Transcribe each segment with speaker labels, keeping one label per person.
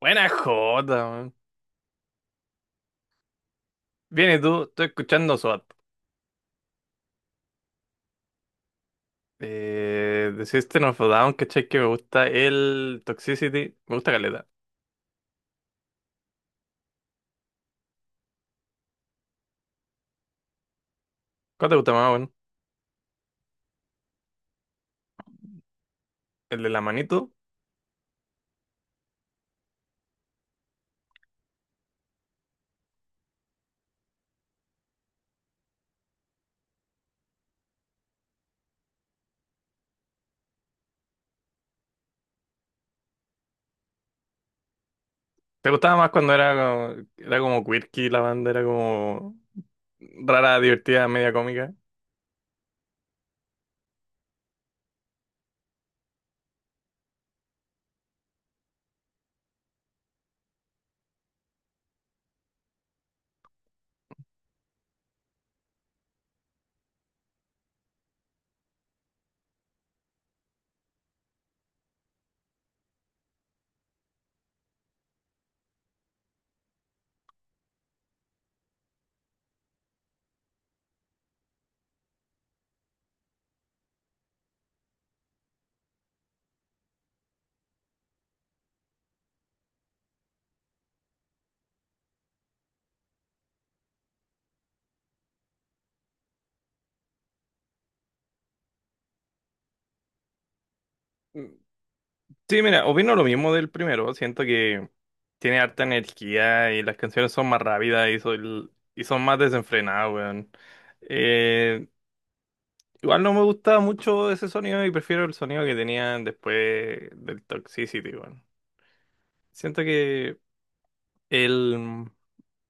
Speaker 1: Buena jota, man. Bien, ¿y tú? Estoy escuchando SWAT. De System of a Down, ¿cachai? Que me gusta el Toxicity. Me gusta caleta. ¿Cuál te gusta más, bueno? ¿El de la manito? ¿Te gustaba más cuando era como quirky la banda? Era como rara, divertida, media cómica. Mm. Sí, mira, opino lo mismo del primero. Siento que tiene harta energía y las canciones son más rápidas y, son más desenfrenadas, weón. Eh, Igual no me gustaba mucho ese sonido y prefiero el sonido que tenían después del Toxicity, weón. Siento que el,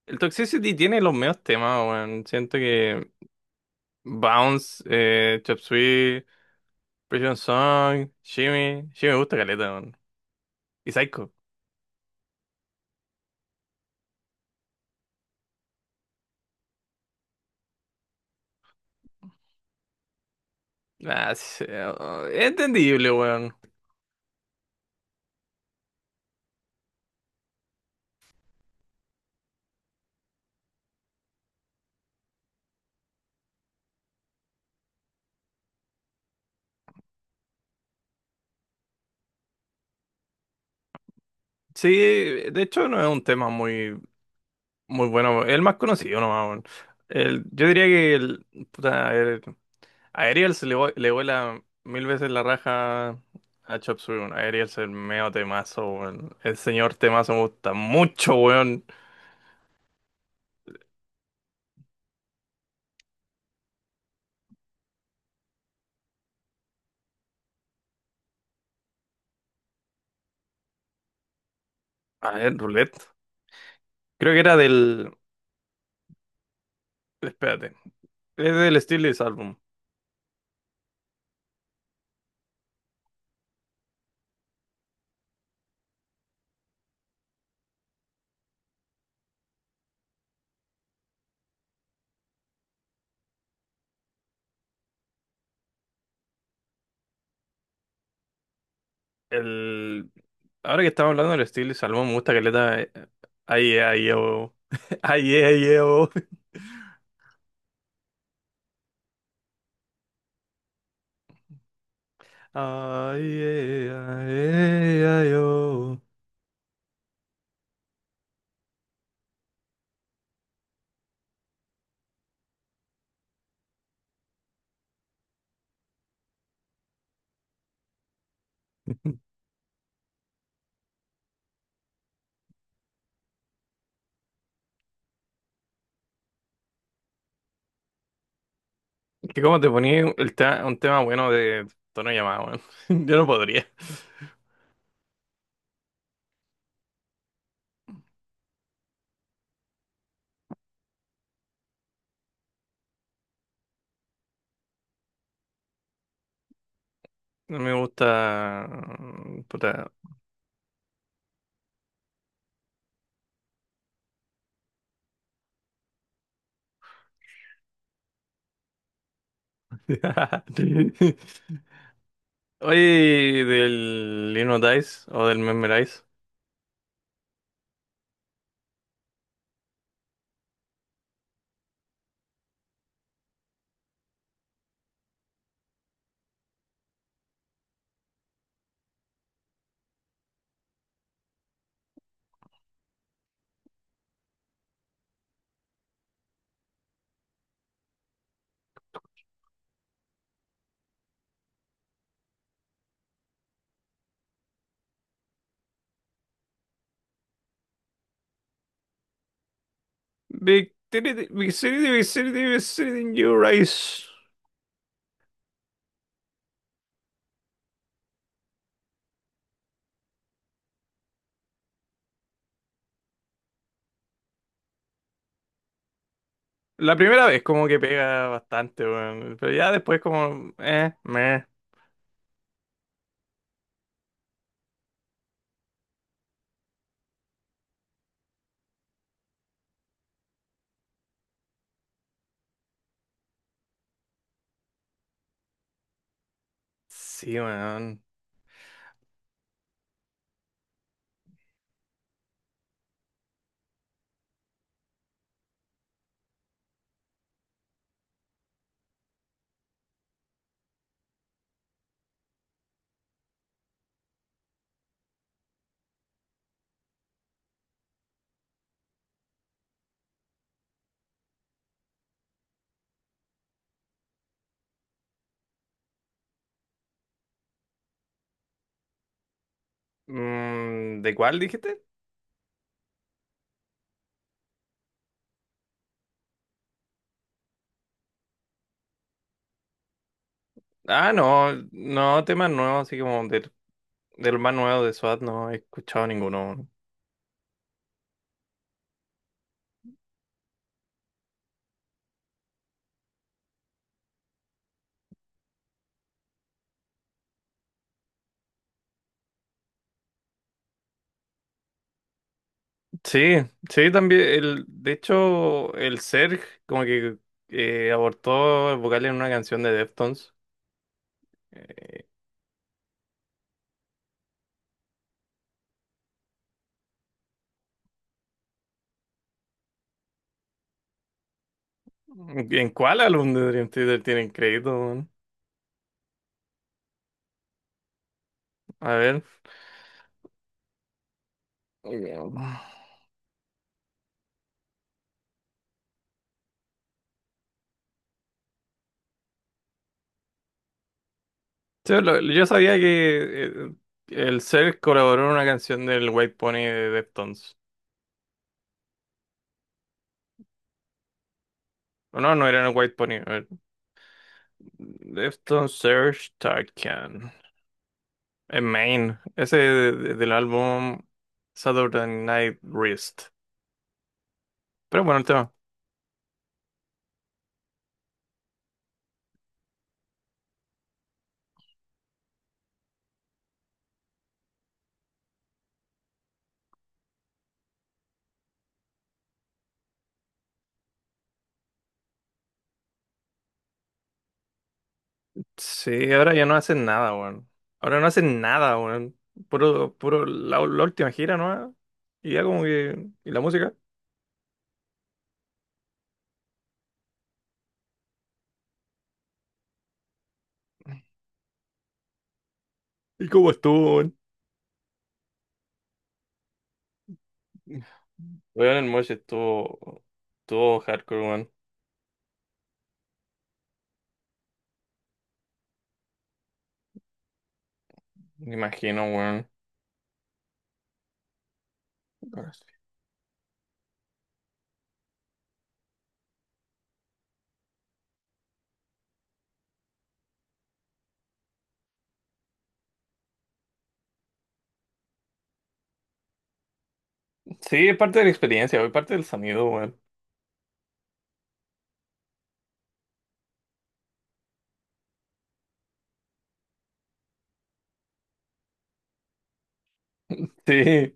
Speaker 1: el Toxicity tiene los mejores temas, weón. Siento que Bounce, Chop Suey, Prison Song, Shimmy, Shimmy me gusta caleta, weón. Y Psycho. Ah, sí, oh, es entendible, weón. Sí, de hecho no es un tema muy bueno. Es el más conocido nomás, weón. Yo diría que puta, el- a Ariel se le, le vuela mil veces la raja a Chop Suey, weón. A Ariel es el medio temazo, weón. El señor temazo me gusta mucho, weón. A ver, Roulette. Creo que era del. Espérate. Es del Steelix Album. El. Ahora que estamos hablando del Steelix Album, me gusta que le da. Ay, ay, oh. Ay, ay, oh. Ay, ay, ay, ay, oh. Que como te ponía un tema bueno de tono llamado, weón. Yo no podría. No me gusta. Puta. Oye, del Innotize o del Memorize. Victory, Victory, Victory, Victory in your eyes. La primera vez como que pega bastante, weón. Pero ya después como. Meh. Sí, weón. Mm, ¿de cuál dijiste? Ah, no, no, temas nuevos, así como del más nuevo de SWAT, no he escuchado ninguno. Sí, sí, también. El, de hecho, el Serj como que abortó el vocal en una canción de Deftones. Eh, ¿En cuál álbum de Dream Theater tienen crédito, weón? A ver. Eh, sí, yo sabía que, el Serj colaboró en una canción del White Pony de Deftones. O no, no era en el White Pony. A ver. Deftones, Serj Tarkan. En Main. Ese del álbum Saturday Night Wrist. Pero bueno, el tema. Sí, ahora ya no hacen nada, weón. Ahora no hacen nada, weón. Puro, puro, la última gira, ¿no? Y ya como que. ¿Y la música? ¿Y cómo estuvo, weón? Weón, el Mosh estuvo. Estuvo hardcore, weón. Me imagino, weón. Sí, es parte de la experiencia, weón. Parte del sonido, weón. Sí.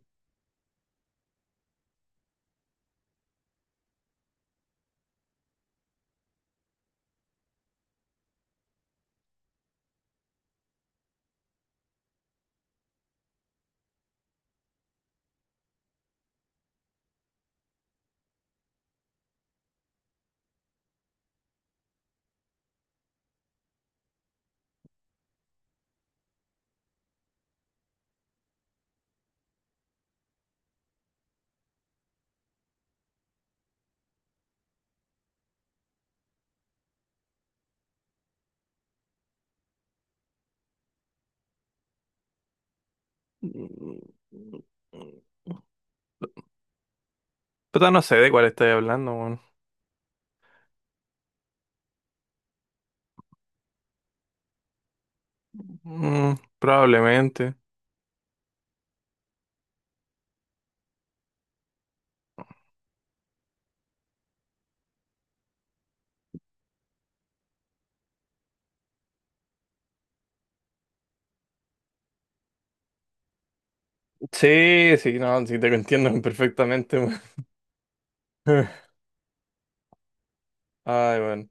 Speaker 1: Puta, no sé de cuál estoy hablando, weón. Mm, probablemente. Sí, sí, no, sí, te entiendo perfectamente, weón. Ay, weón.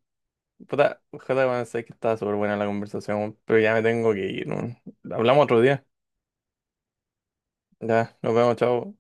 Speaker 1: Puta, ojalá, bueno, sé que estaba súper buena la conversación, pero ya me tengo que ir, ¿no? Hablamos otro día. Ya, nos vemos, chao.